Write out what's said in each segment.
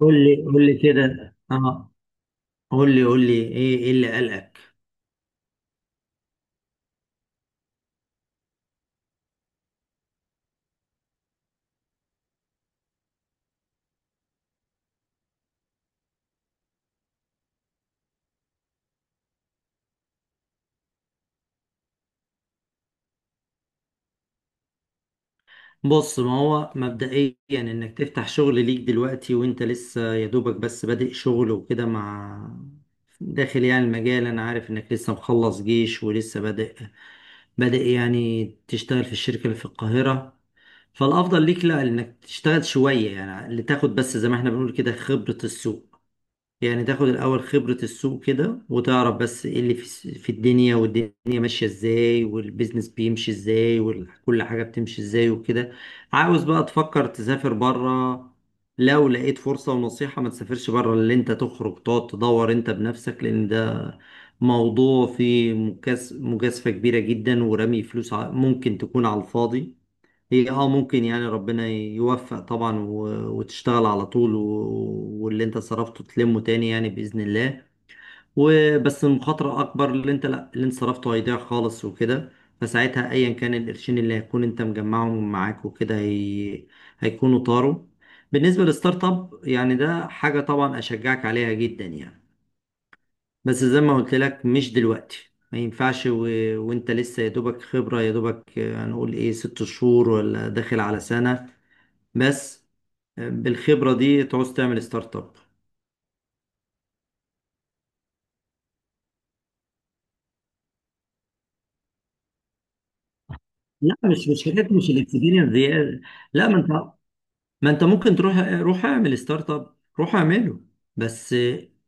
قول لي كده. قول لي ايه اللي قلقك؟ بص، ما هو مبدئيا انك تفتح شغل ليك دلوقتي وانت لسه يا دوبك بس بادئ شغل وكده، مع داخل يعني المجال. انا عارف انك لسه مخلص جيش ولسه بادئ يعني تشتغل في الشركة اللي في القاهرة. فالافضل ليك، لا، انك تشتغل شوية يعني، لتاخد بس زي ما احنا بنقول كده خبرة السوق. يعني تاخد الأول خبرة السوق كده وتعرف بس ايه اللي في الدنيا، والدنيا ماشية ازاي، والبيزنس بيمشي ازاي، وكل حاجة بتمشي ازاي وكده. عاوز بقى تفكر تسافر بره، لو لقيت فرصة، ونصيحة ما تسافرش بره اللي انت تخرج تقعد تدور انت بنفسك، لأن ده موضوع فيه مجازفة كبيرة جدا، ورمي فلوس ممكن تكون على الفاضي. هي اه ممكن يعني ربنا يوفق طبعا وتشتغل على طول واللي انت صرفته تلمه تاني يعني بإذن الله. وبس المخاطرة أكبر، اللي انت لا، اللي انت صرفته هيضيع خالص وكده. فساعتها أيا كان القرشين اللي هيكون انت مجمعهم معاك وكده هي... هيكونوا طاروا. بالنسبة للستارت اب، يعني ده حاجة طبعا أشجعك عليها جدا يعني، بس زي ما قلت لك مش دلوقتي، ما ينفعش. و... وانت لسه يا دوبك خبرة يا دوبك هنقول ايه، ست شهور ولا داخل على سنة بس. بالخبرة دي تعوز تعمل ستارت اب؟ لا، مش حاجات، مش الاكسبيرينس دي. لا، ما انت، ما انت ممكن تروح، روح اعمل ستارت اب، روح اعمله، بس،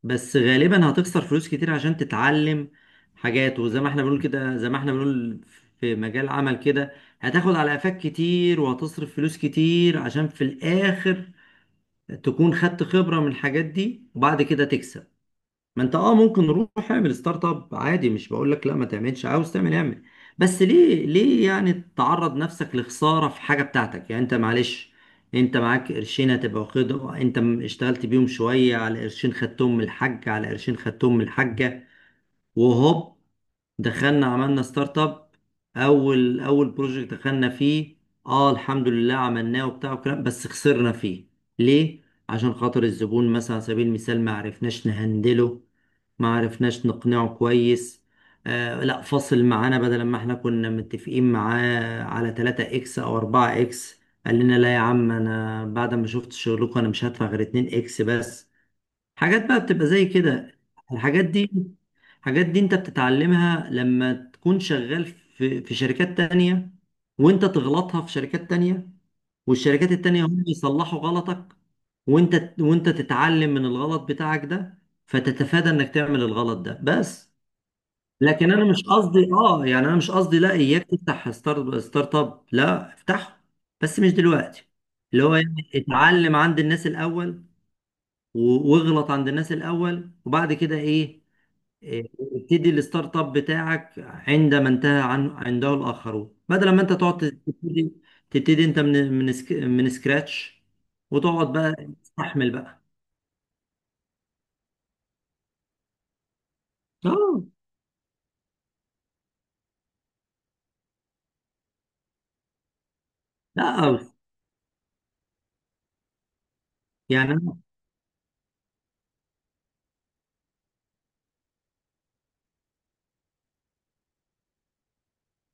بس غالبا هتخسر فلوس كتير عشان تتعلم حاجات. وزي ما احنا بنقول كده، زي ما احنا بنقول، في مجال عمل كده هتاخد على قفاك كتير، وهتصرف فلوس كتير، عشان في الاخر تكون خدت خبرة من الحاجات دي وبعد كده تكسب. ما انت اه ممكن، روح اعمل ستارت اب عادي، مش بقول لك لا ما تعملش، عاوز تعمل اعمل، بس ليه، ليه يعني تعرض نفسك لخسارة في حاجة بتاعتك؟ يعني انت معلش، انت معاك قرشين هتبقى واخده انت اشتغلت بيهم شوية، على قرشين خدتهم من الحاج، على قرشين خدتهم من الحاجة، وهوب، دخلنا عملنا ستارت اب، اول اول بروجكت دخلنا فيه اه الحمد لله عملناه وبتاع وكلام، بس خسرنا فيه. ليه؟ عشان خاطر الزبون مثلا، على سبيل المثال، ما عرفناش نهندله، ما عرفناش نقنعه كويس. آه، لا، فصل معانا، بدل ما احنا كنا متفقين معاه على 3 اكس او 4 اكس، قال لنا لا يا عم، انا بعد ما شفت شغلكم انا مش هدفع غير 2 اكس بس. حاجات بقى بتبقى زي كده، الحاجات دي، الحاجات دي انت بتتعلمها لما تكون شغال في شركات تانية، وانت تغلطها في شركات تانية، والشركات التانية هم يصلحوا غلطك، وانت تتعلم من الغلط بتاعك ده، فتتفادى انك تعمل الغلط ده بس. لكن انا مش قصدي اه، يعني انا مش قصدي لا، اياك تفتح ستارت اب، لا افتحه، بس مش دلوقتي. اللي هو يعني اتعلم عند الناس الاول، واغلط عند الناس الاول، وبعد كده ايه؟ ابتدي الستارت اب بتاعك عندما انتهى عن عنده الاخرون، بدل ما انت تقعد تبتدي، تبتدي انت من من سكراتش، وتقعد بقى تستحمل بقى. اه لا بس يعني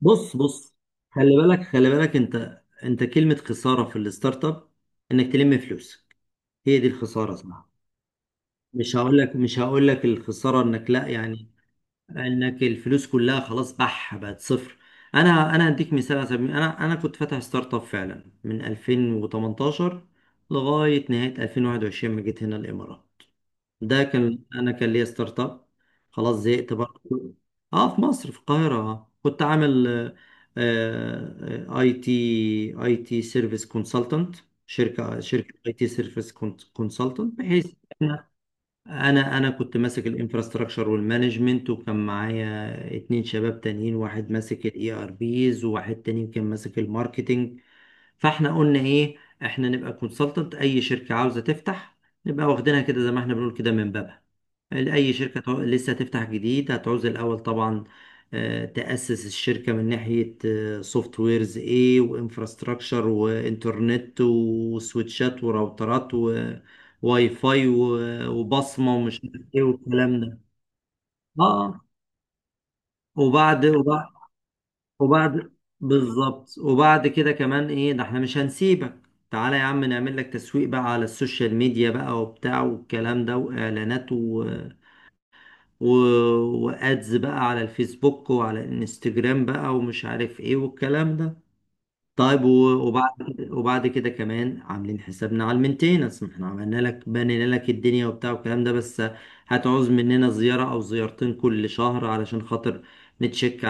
بص، بص، خلي بالك، خلي بالك، انت، انت كلمة خسارة في الستارت اب انك تلم فلوسك، هي دي الخسارة، صح؟ مش هقول لك الخسارة انك لا يعني انك الفلوس كلها خلاص بح بقت صفر. انا هديك مثال على سبيل، انا كنت فاتح ستارت اب فعلا من 2018 لغايه نهايه 2021، ما جيت هنا الامارات. ده كان، انا كان ليا ستارت اب، خلاص زهقت برضه. اه في مصر، في القاهره. آه، كنت عامل اي تي، اي تي سيرفيس كونسلتنت، شركه اي تي سيرفيس كونسلتنت. بحيث انا كنت ماسك الانفراستراكشر والمانجمنت، وكان معايا اتنين شباب تانيين، واحد ماسك الاي ار بيز، وواحد تاني كان ماسك الماركتنج. فاحنا قلنا ايه، احنا نبقى كونسلتنت اي شركه عاوزه تفتح، نبقى واخدينها كده زي ما احنا بنقول كده من بابها. اي شركه لسه هتفتح جديد هتعوز الاول طبعا تاسس الشركه من ناحيه سوفت ويرز ايه، وانفراستراكشر، وانترنت، وسويتشات، وراوترات، وواي فاي، وبصمه، ومش عارف ايه والكلام ده. اه وبعد وبعد بالظبط، وبعد كده كمان ايه، ده احنا مش هنسيبك، تعالى يا عم نعمل لك تسويق بقى على السوشيال ميديا بقى وبتاع والكلام ده، واعلانات و... و... وادز بقى على الفيسبوك وعلى الانستجرام بقى، ومش عارف ايه والكلام ده. طيب وبعد كده كمان عاملين حسابنا على المينتيننس، ما احنا عملنا لك، بنينا لك الدنيا وبتاع والكلام ده، بس هتعوز مننا زيارة او زيارتين كل شهر، علشان خاطر نتشيك،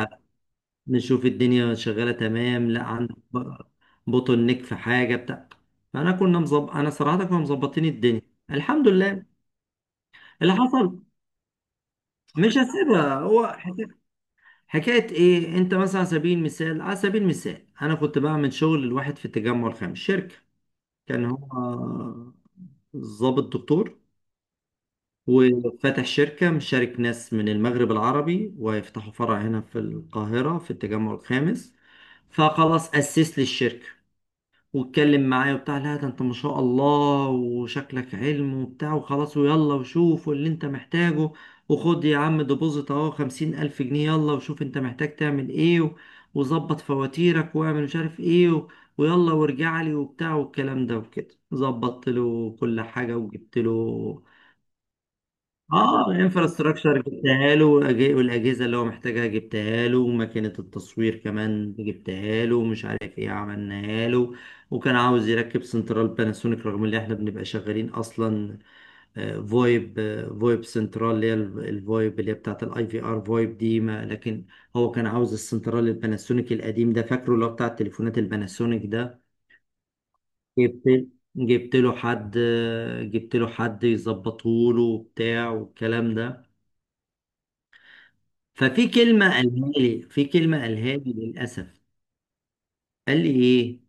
نشوف الدنيا شغالة تمام، لا عندك بوتل نيك في حاجة بتاع. فأنا كنا مظبط، أنا صراحة كنا مظبطين الدنيا الحمد لله. اللي حصل مش هسيبها، حكاية إيه، أنت مثلا على سبيل المثال، على سبيل المثال، أنا كنت بعمل شغل لواحد في التجمع الخامس، شركة، كان هو ضابط دكتور، وفتح شركة مشارك ناس من المغرب العربي، ويفتحوا فرع هنا في القاهرة في التجمع الخامس. فخلاص، أسس لي الشركة واتكلم معايا وبتاع، لا ده انت ما شاء الله وشكلك علم وبتاع، وخلاص ويلا وشوف واللي انت محتاجه، وخد يا عم ديبوزيت اهو خمسين ألف جنيه، يلا وشوف انت محتاج تعمل ايه، وظبط فواتيرك واعمل مش عارف ايه و... ويلا وارجع لي وبتاع والكلام ده وكده. ظبطت له كل حاجة وجبت له، اه الانفراستراكشر جبتها له، والاجهزه اللي هو محتاجها جبتها له، وماكينه التصوير كمان جبتها له، ومش عارف ايه عملناها له. وكان عاوز يركب سنترال باناسونيك، رغم ان احنا بنبقى شغالين اصلا فويب، فويب سنترال، اللي هي الفويب اللي هي بتاعت الاي في ار فويب دي، ما لكن هو كان عاوز السنترال الباناسونيك القديم ده، فاكره، اللي هو بتاع التليفونات الباناسونيك ده. جبت جبت له حد جبت له حد يظبطه له وبتاع والكلام ده. ففي كلمة قالها لي، في كلمة قالها لي للأسف. قال لي إيه،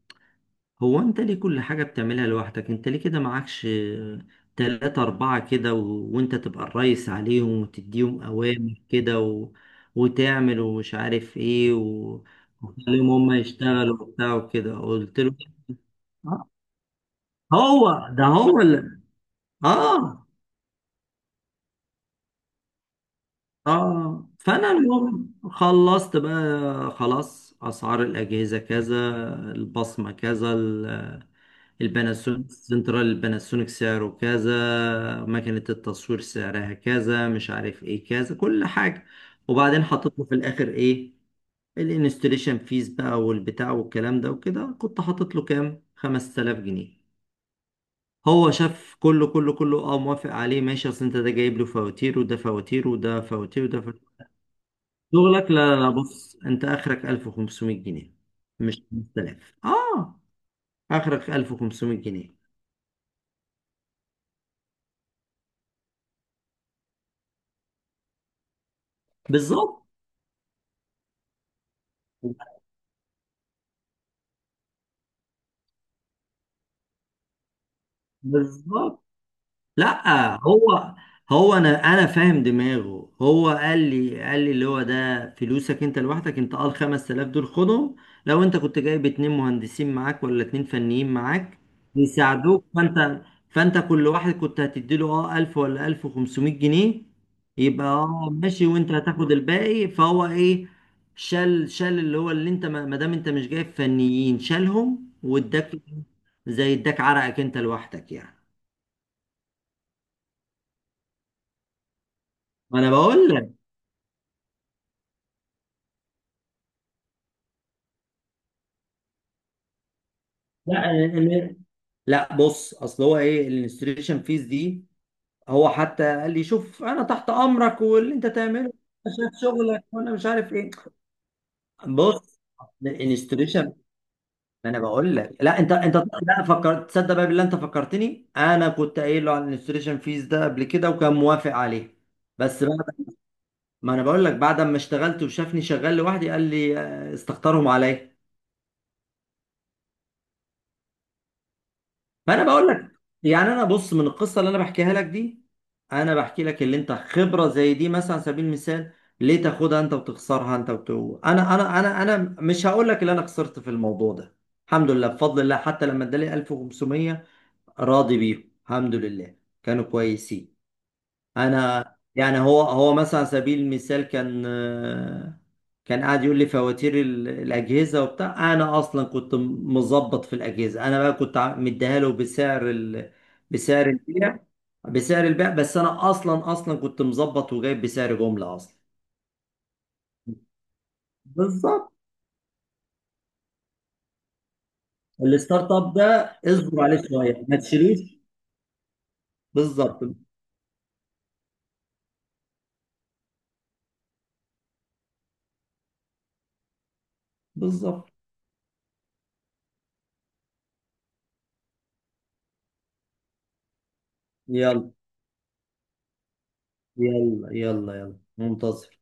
هو أنت ليه كل حاجة بتعملها لوحدك، أنت ليه كده معكش تلاتة أربعة كده و... وأنت تبقى الريس عليهم وتديهم أوامر كده و... وتعمل ومش عارف إيه و... وتخليهم هما يشتغلوا وبتاع وكده. قلت له آه، هو ده، هو اللي آه اه فانا اليوم خلصت بقى خلاص، اسعار الاجهزه كذا، البصمه كذا، الباناسونيك، سنترال الباناسونيك سعره كذا، مكنه التصوير سعرها كذا، مش عارف ايه كذا، كل حاجه. وبعدين حطيت له في الاخر ايه، الانستليشن فيز بقى والبتاع والكلام ده وكده، كنت حاطط له كام 5000 جنيه. هو شاف كله كله كله اه، موافق عليه ماشي، اصل انت ده جايب له فواتير، وده فواتير، وده فواتير، وده فواتير، شغلك. لا لا لا، بص انت اخرك 1500 جنيه، مش 5000 اه، اخرك 1500 جنيه. بالظبط، بالظبط. لا هو، هو انا فاهم دماغه، هو قال لي اللي هو ده فلوسك انت لوحدك، انت اه ال 5000 دول خدهم، لو انت كنت جايب اتنين مهندسين معاك ولا اتنين فنيين معاك يساعدوك، فانت كل واحد كنت هتديله اه 1000 ولا 1500 جنيه، يبقى اه ماشي، وانت هتاخد الباقي. فهو ايه، شال اللي هو اللي انت، ما ما دام انت مش جايب فنيين، شالهم واداك، زي اداك عرقك انت لوحدك يعني. ما انا بقول، لا يعني، لا بص، اصل هو ايه الانستريشن فيز دي، هو حتى قال لي شوف انا تحت امرك واللي انت تعمله، أنا شايف شغلك وانا مش عارف ايه. بص الانستريشن، ما انا بقول لك، لا، انت لا فكرت تصدق بقى بالله، انت فكرتني انا كنت قايل له على الانستريشن فيز ده قبل كده وكان موافق عليه، بس بقى، ما انا بقول لك، بعد ما اشتغلت وشافني شغال لوحدي قال لي استخسرهم عليا. ما انا بقول لك يعني، انا بص، من القصه اللي انا بحكيها لك دي، انا بحكي لك اللي انت خبره زي دي، مثلا على سبيل المثال، ليه تاخدها انت وتخسرها انت انا مش هقول لك اللي انا خسرت في الموضوع ده. الحمد لله بفضل الله، حتى لما ادالي 1500 راضي بيهم الحمد لله، كانوا كويسين. انا يعني، هو مثلا على سبيل المثال كان، كان قاعد يقول لي فواتير الاجهزه وبتاع، انا اصلا كنت مظبط في الاجهزه، انا بقى كنت مديها له بسعر ال... بسعر البيع، بسعر البيع، بس انا اصلا كنت مظبط وجايب بسعر جمله اصلا. بالظبط، الستارت اب ده، اصبر عليه شويه، ما تشيلوش. بالظبط، بالظبط. يلا يلا منتظر.